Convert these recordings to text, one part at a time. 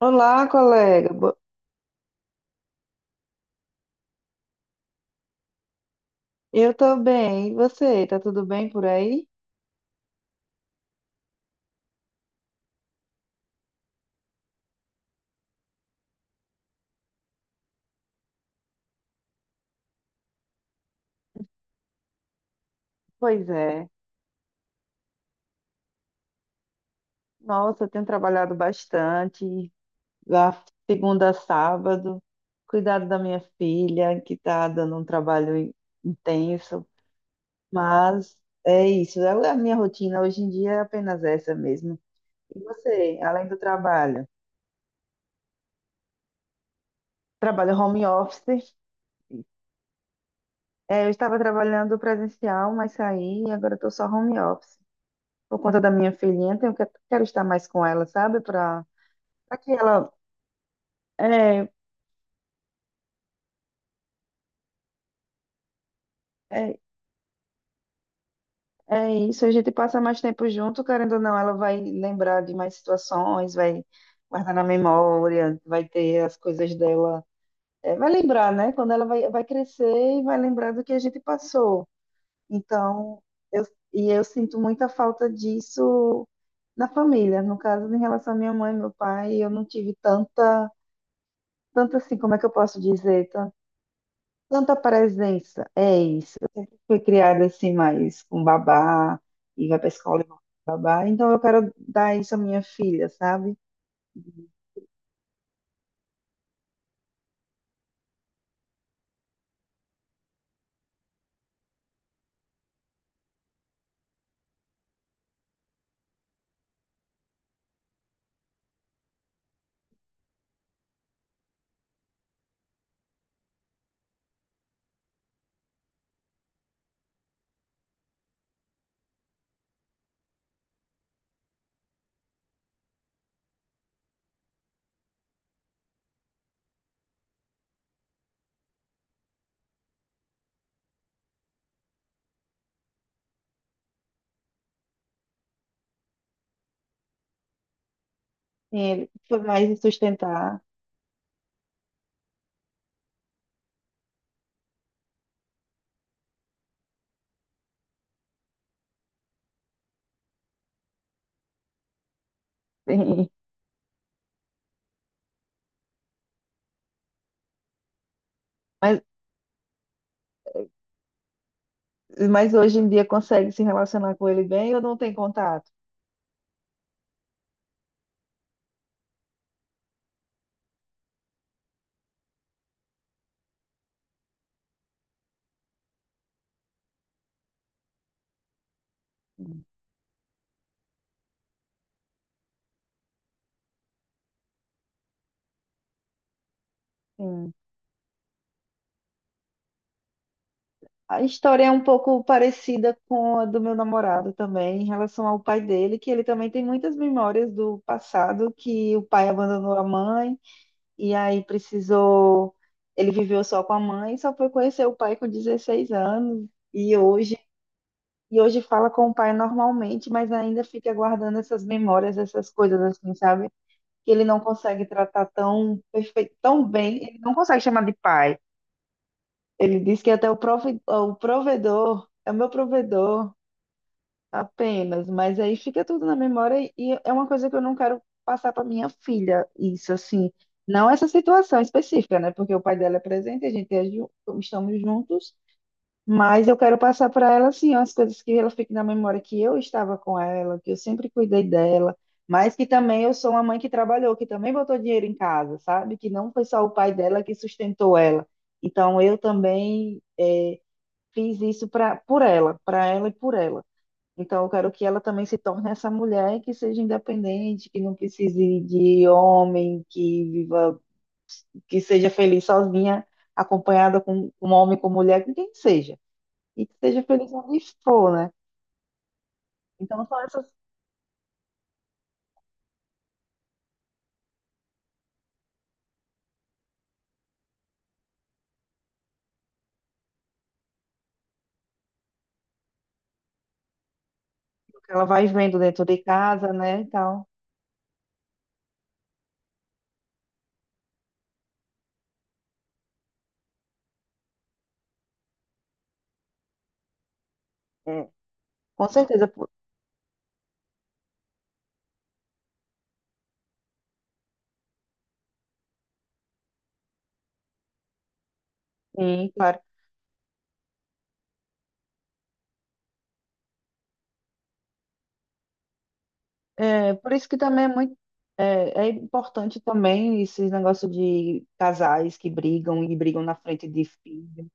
Olá, colega. Eu tô bem. E você? Tá tudo bem por aí? Pois é. Nossa, eu tenho trabalhado bastante, da segunda a sábado, cuidado da minha filha, que tá dando um trabalho intenso. Mas é isso. A minha rotina hoje em dia é apenas essa mesmo. E você, além do trabalho? Trabalho home office. É, eu estava trabalhando presencial, mas saí e agora estou só home office, por conta da minha filhinha, tenho que, quero estar mais com ela, sabe? Para que ela. É, é, é isso, a gente passa mais tempo junto, querendo ou não, ela vai lembrar de mais situações, vai guardar na memória, vai ter as coisas dela. É, vai lembrar, né? Quando ela vai, vai crescer e vai lembrar do que a gente passou. Então, eu, e eu sinto muita falta disso na família. No caso, em relação à minha mãe e meu pai, eu não tive tanta assim, como é que eu posso dizer? Tanta presença, é isso. Eu sempre fui criada assim, mais com babá, e vai pra escola e com babá. Então eu quero dar isso à minha filha, sabe? Ele foi mais em sustentar. Sim. Mas, mas hoje em dia consegue se relacionar com ele bem ou não tem contato? Sim. A história é um pouco parecida com a do meu namorado também, em relação ao pai dele, que ele também tem muitas memórias do passado, que o pai abandonou a mãe e ele viveu só com a mãe, só foi conhecer o pai com 16 anos e hoje fala com o pai normalmente, mas ainda fica guardando essas memórias, essas coisas assim, sabe? Que ele não consegue tratar tão perfeito, tão bem, ele não consegue chamar de pai. Ele diz que até o provedor é o meu provedor. Apenas, mas aí fica tudo na memória e é uma coisa que eu não quero passar para minha filha, isso assim, não essa situação específica, né? Porque o pai dela é presente, a gente é ju- estamos juntos, mas eu quero passar para ela assim, as coisas que ela fique na memória que eu estava com ela, que eu sempre cuidei dela, mas que também eu sou uma mãe que trabalhou, que também botou dinheiro em casa, sabe? Que não foi só o pai dela que sustentou ela. Então eu também fiz isso para por ela, para ela e por ela. Então, eu quero que ela também se torne essa mulher que seja independente, que não precise de homem, que viva, que seja feliz sozinha, acompanhada com um homem, com mulher, com quem seja. E que seja feliz onde for, né? Então, são essas coisas que ela vai vendo dentro de casa, né, e tal. É, com certeza, pô. Sim, claro. É, por isso que também é é, é importante também esse negócio de casais que brigam e brigam na frente de filhos,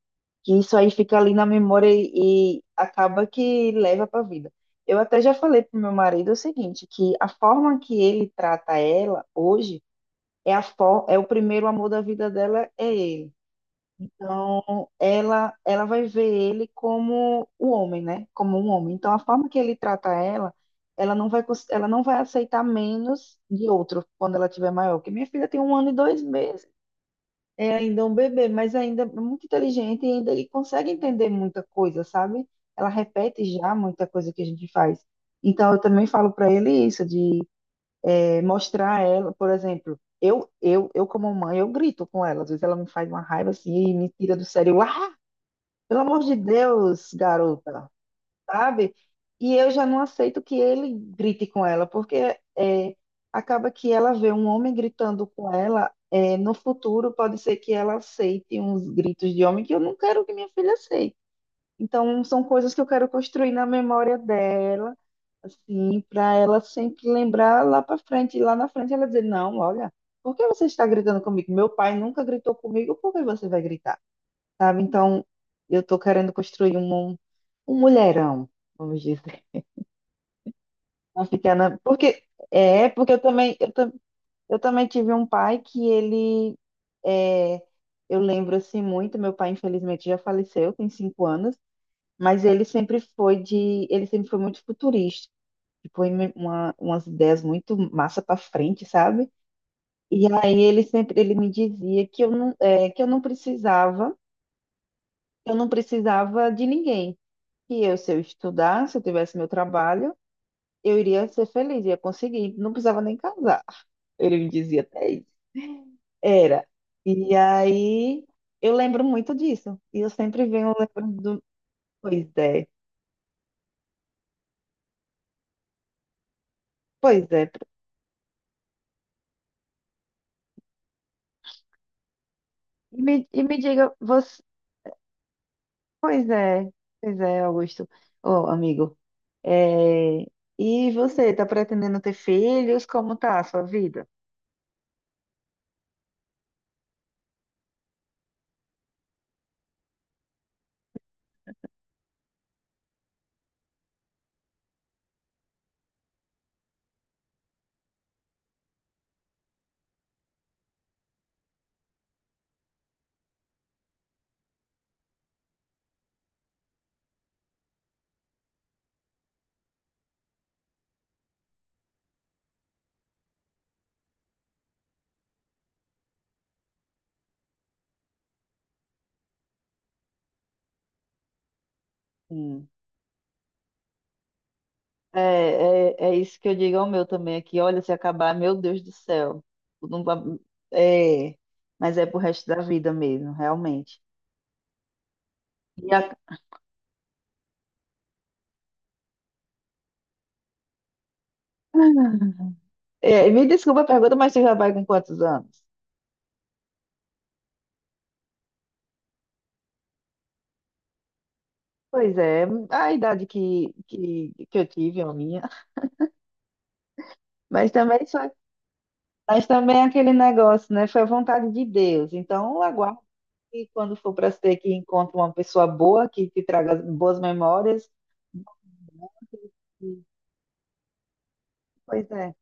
que isso aí fica ali na memória e acaba que leva para a vida. Eu até já falei pro meu marido o seguinte, que a forma que ele trata ela hoje é o primeiro amor da vida dela é ele. Então, ela vai ver ele como o homem, né? Como um homem. Então, a forma que ele trata ela, ela não vai aceitar menos de outro quando ela tiver maior. Porque minha filha tem um ano e dois meses. É ainda um bebê, mas ainda é muito inteligente e ainda ele consegue entender muita coisa, sabe? Ela repete já muita coisa que a gente faz. Então eu também falo para ele isso de mostrar a ela, por exemplo, eu como mãe, eu grito com ela, às vezes ela me faz uma raiva assim e me tira do sério. Eu, Ah, pelo amor de Deus, garota, sabe? E eu já não aceito que ele grite com ela, porque é, acaba que ela vê um homem gritando com ela. É, no futuro, pode ser que ela aceite uns gritos de homem que eu não quero que minha filha aceite. Então, são coisas que eu quero construir na memória dela, assim, para ela sempre lembrar lá para frente. E lá na frente ela dizer: Não, olha, por que você está gritando comigo? Meu pai nunca gritou comigo, por que você vai gritar? Sabe? Então, eu estou querendo construir um mulherão. Vamos dizer. Não fica na... Porque porque eu também tive um pai que ele é, eu lembro assim muito, meu pai infelizmente já faleceu, tem cinco anos, mas ele sempre foi muito futurista, tipo em umas ideias muito massa para frente, sabe? E aí ele me dizia que eu não é, que eu não precisava de ninguém, que eu se eu estudasse, se eu tivesse meu trabalho, eu iria ser feliz, ia conseguir, não precisava nem casar. Ele me dizia até isso. Era. E aí eu lembro muito disso. E eu sempre venho lembrando do. Pois é, pois é. E me diga, você. Pois é, pois é, Augusto. Ô, amigo. É, e você, tá pretendendo ter filhos? Como tá a sua vida? Hum. É isso que eu digo ao meu também aqui. Olha, se acabar, meu Deus do céu. Eu não vou- É, mas é pro resto da vida mesmo, realmente. E a- É, me desculpa a pergunta, mas você já vai com quantos anos? Pois é, a idade que eu tive, a minha. Mas também, foi- mas também é aquele negócio, né? Foi a vontade de Deus. Então, eu aguardo que quando for para ser que encontre uma pessoa boa, que te traga boas memórias. Pois é,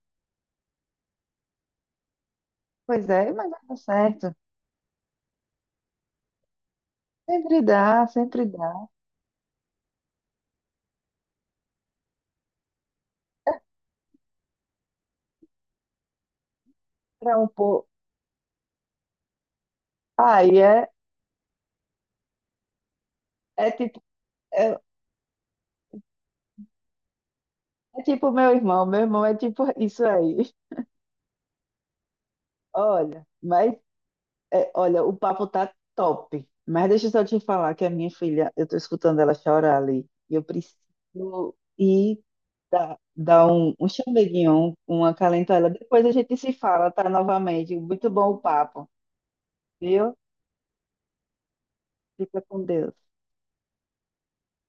pois é, mas dá certo. Sempre dá, sempre dá. Para um pouco. Aí é, é tipo, é, é tipo meu irmão é tipo isso aí. Olha, mas É, olha, o papo tá top, mas deixa eu só te falar que a minha filha, eu tô escutando ela chorar ali, e eu preciso ir dar um chameguinho, um acalentar ela. Depois a gente se fala, tá? Novamente. Muito bom o papo, viu? Fica com Deus.